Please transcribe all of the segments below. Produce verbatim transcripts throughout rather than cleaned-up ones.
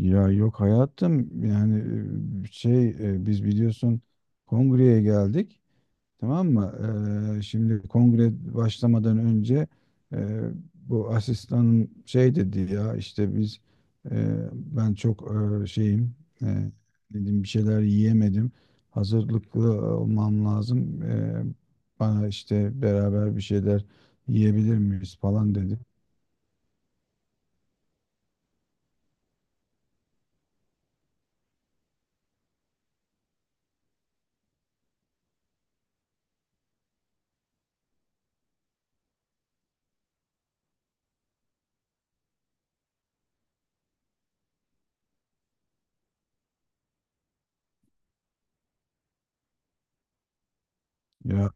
Ya yok hayatım yani e, şey e, biz biliyorsun kongreye geldik, tamam mı? Ee, şimdi kongre başlamadan önce e, bu asistanım şey dedi ya, işte biz, e, ben çok e, şeyim, e, dedim bir şeyler yiyemedim, hazırlıklı olmam lazım. E, bana işte beraber bir şeyler yiyebilir miyiz falan dedi. Ya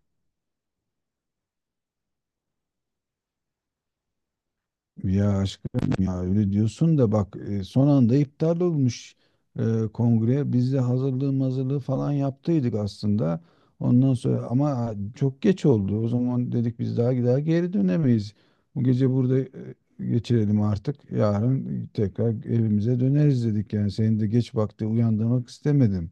Ya aşkım ya, öyle diyorsun da bak, e, son anda iptal olmuş e, kongre. Biz de hazırlığı hazırlığı falan yaptıydık aslında. Ondan sonra ama çok geç oldu. O zaman dedik biz daha daha geri dönemeyiz. Bu gece burada e, geçirelim artık. Yarın tekrar evimize döneriz dedik. Yani senin de geç vakti uyandırmak istemedim.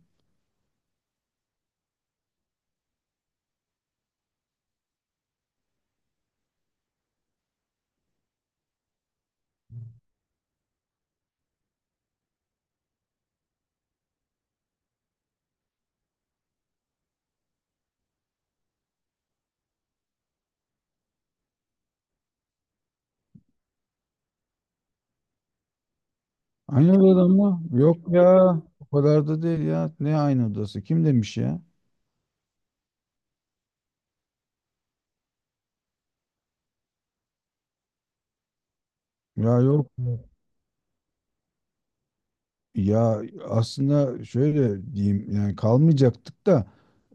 Aynı odada mı? Yok ya. O kadar da değil ya. Ne aynı odası? Kim demiş ya? Ya yok. Ya aslında şöyle diyeyim, yani kalmayacaktık da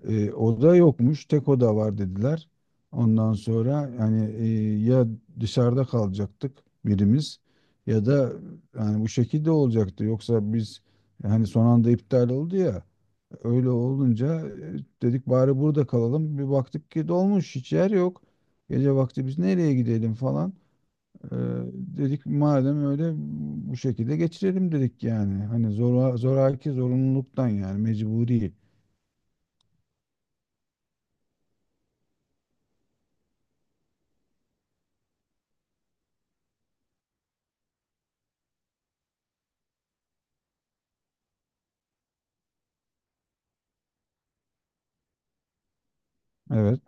e, oda yokmuş, tek oda var dediler. Ondan sonra yani, e, ya dışarıda kalacaktık birimiz, ya da yani bu şekilde olacaktı. Yoksa biz, hani son anda iptal oldu ya, öyle olunca e, dedik bari burada kalalım. Bir baktık ki dolmuş, hiç yer yok. Gece vakti biz nereye gidelim falan. Ee, Dedik madem öyle, bu şekilde geçirelim dedik yani. Hani zora, zoraki, zorunluluktan, yani mecburi. Evet.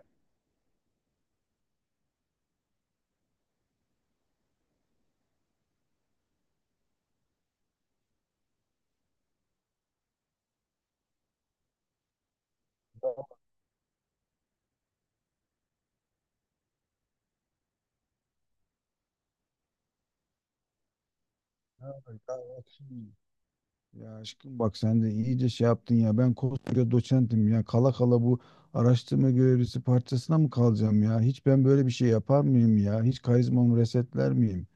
Ya aşkım ya aşkım, bak sen de iyice şey yaptın ya. Ben koskoca doçentim ya. Kala kala bu araştırma görevlisi parçasına mı kalacağım ya? Hiç ben böyle bir şey yapar mıyım ya? Hiç karizmamı resetler miyim?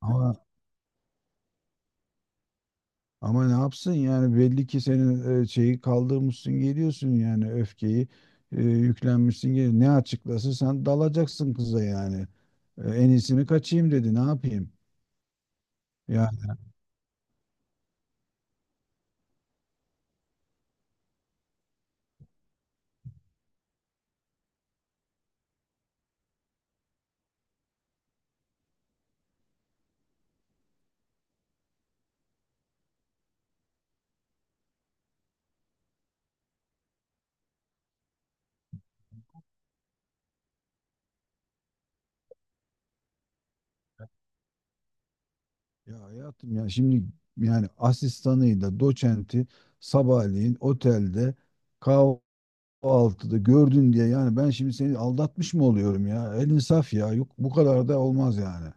Ama Ama ne yapsın yani, belli ki senin e, şeyi kaldırmışsın geliyorsun, yani öfkeyi e, yüklenmişsin geliyorsun. Ne açıklasın, sen dalacaksın kıza yani. E, en iyisini kaçayım dedi, ne yapayım? Ya, ya hayatım, ya şimdi yani asistanıyla doçenti sabahleyin otelde kahvaltıda gördün diye yani ben şimdi seni aldatmış mı oluyorum ya? El insaf ya, yok bu kadar da olmaz yani.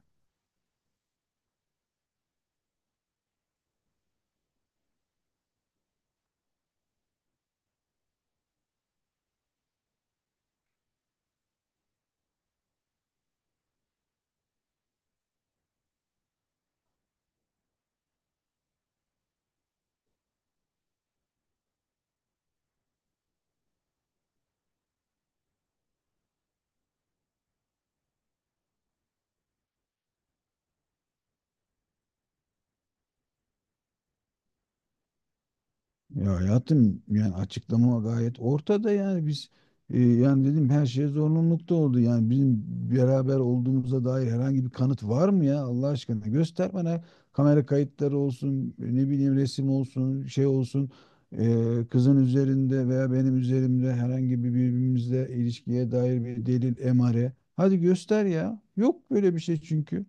Ya hayatım, yani açıklama gayet ortada, yani biz, e, yani dedim her şey zorunlulukta oldu. Yani bizim beraber olduğumuza dair herhangi bir kanıt var mı ya, Allah aşkına göster bana, kamera kayıtları olsun, e, ne bileyim resim olsun, şey olsun, e, kızın üzerinde veya benim üzerimde herhangi bir birbirimizle ilişkiye dair bir delil, emare. Hadi göster ya. Yok böyle bir şey çünkü.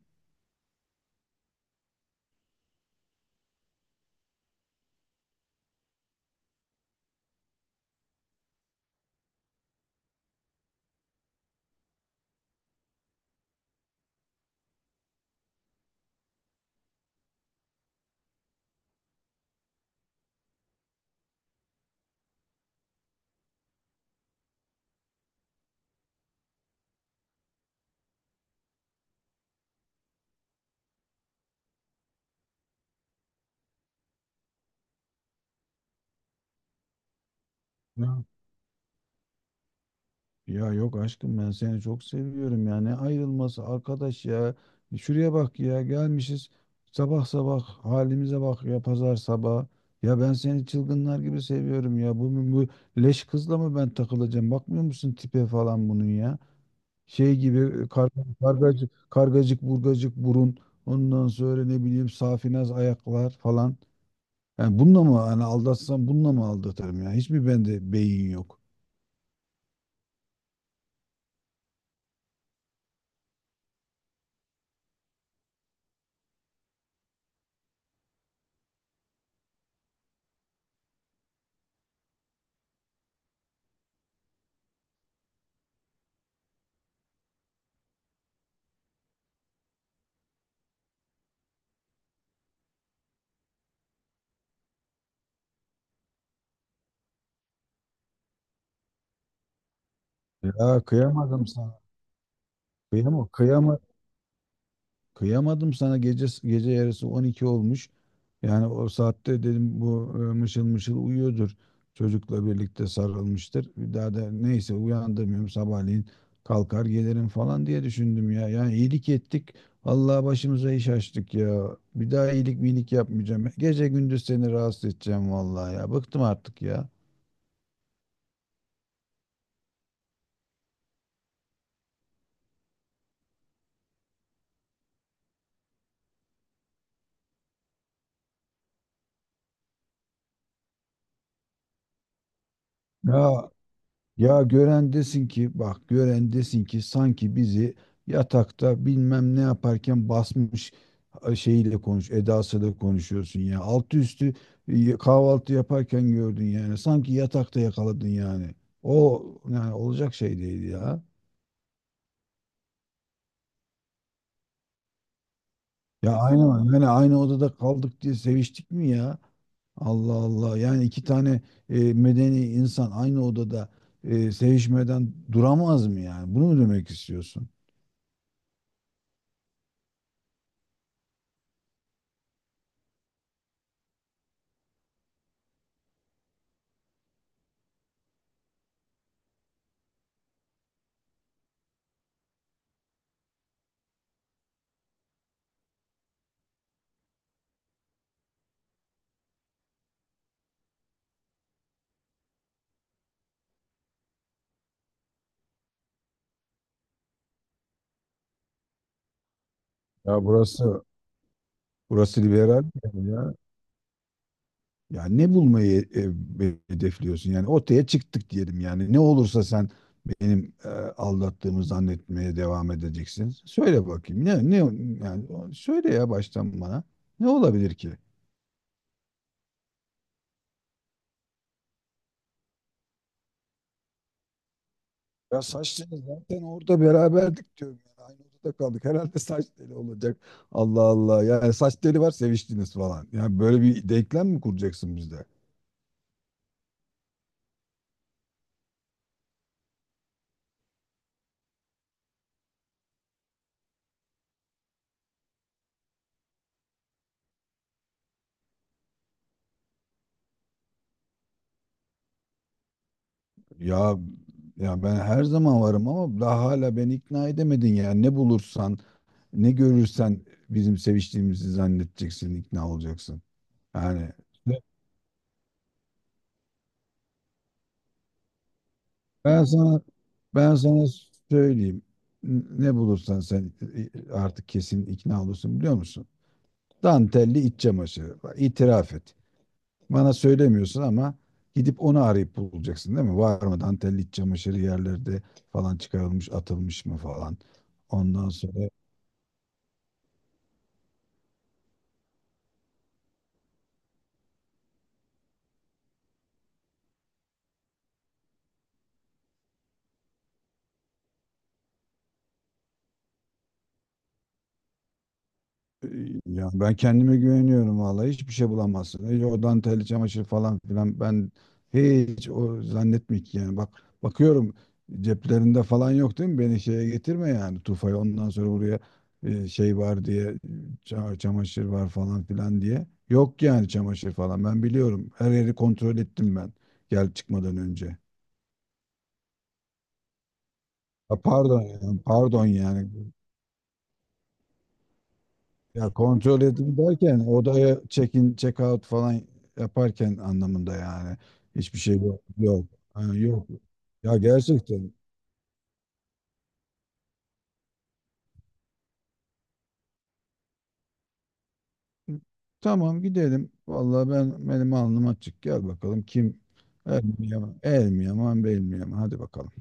Ya yok aşkım, ben seni çok seviyorum ya. Ne ayrılması arkadaş ya. E, Şuraya bak ya, gelmişiz sabah sabah, halimize bak ya, pazar sabah. Ya ben seni çılgınlar gibi seviyorum ya. Bu, bu leş kızla mı ben takılacağım? Bakmıyor musun tipe falan bunun ya? Şey gibi, e, kar, kargacık, kargacık burgacık burun. Ondan sonra, ne bileyim, safinaz ayaklar falan. Yani bununla mı, hani aldatsam bununla mı aldatırım ya? Hiç mi bende beyin yok? Ya kıyamadım sana. Kıyamam, kıyamadım Kıyamadım sana, gece, gece yarısı on iki olmuş. Yani o saatte dedim bu e, mışıl mışıl uyuyordur. Çocukla birlikte sarılmıştır. Bir daha da neyse, uyandırmıyorum, sabahleyin kalkar gelirim falan diye düşündüm ya. Yani iyilik ettik. Allah başımıza iş açtık ya. Bir daha iyilik minik yapmayacağım. Gece gündüz seni rahatsız edeceğim vallahi ya. Bıktım artık ya. Ya Ya gören desin ki, bak, gören desin ki sanki bizi yatakta bilmem ne yaparken basmış, a, şeyiyle konuş edasıyla konuşuyorsun ya. Altı üstü e, kahvaltı yaparken gördün yani. Sanki yatakta yakaladın yani. O, yani olacak şey değil ya. Ya aynı yani aynı odada kaldık diye seviştik mi ya? Allah Allah. Yani iki tane e, medeni insan aynı odada e, sevişmeden duramaz mı yani? Bunu mu demek istiyorsun? Ya burası Burası liberal mi yani ya. Ya ne bulmayı e, e, hedefliyorsun? Yani ortaya çıktık diyelim yani. Ne olursa sen benim e, aldattığımı zannetmeye devam edeceksin. Söyle bakayım. Ne ne yani, o- söyle ya baştan bana. Ne olabilir ki? Ya saç teli, zaten orada beraberdik diyorum. Yani aynı odada kaldık. Herhalde saç teli olacak. Allah Allah. Yani saç teli var, seviştiniz falan. Yani böyle bir denklem mi kuracaksın bizde? Ya ya ben her zaman varım, ama daha hala beni ikna edemedin, yani ne bulursan, ne görürsen bizim seviştiğimizi zannedeceksin, ikna olacaksın. Yani ben sana ben sana söyleyeyim, ne bulursan sen, e, artık kesin ikna olursun biliyor musun? Dantelli iç çamaşırı. Bak, itiraf et. Bana söylemiyorsun, ama gidip onu arayıp bulacaksın değil mi? Var mı dantelli iç çamaşırı yerlerde falan, çıkarılmış, atılmış mı falan. Ondan sonra Ee, Ya ben kendime güveniyorum, vallahi hiçbir şey bulamazsın. Hiç o dantel çamaşır falan filan, ben hiç o zannetmiyorum ki, yani bak bakıyorum, ceplerinde falan yok değil mi? Beni şeye getirme yani, tufaya, ondan sonra buraya e, şey var diye, ça- çamaşır var falan filan diye. Yok yani, çamaşır falan ben biliyorum, her yeri kontrol ettim ben gel çıkmadan önce. Ha, Pardon yani, pardon yani, ya kontrol edin derken odaya check-in, check-out falan yaparken anlamında yani. Hiçbir şey yok. Yok. Ha, yok. Ya gerçekten. Tamam gidelim. Vallahi ben, benim alnım açık. Gel bakalım, kim el mi yaman, el mi yaman, bel mi yaman. Hadi bakalım.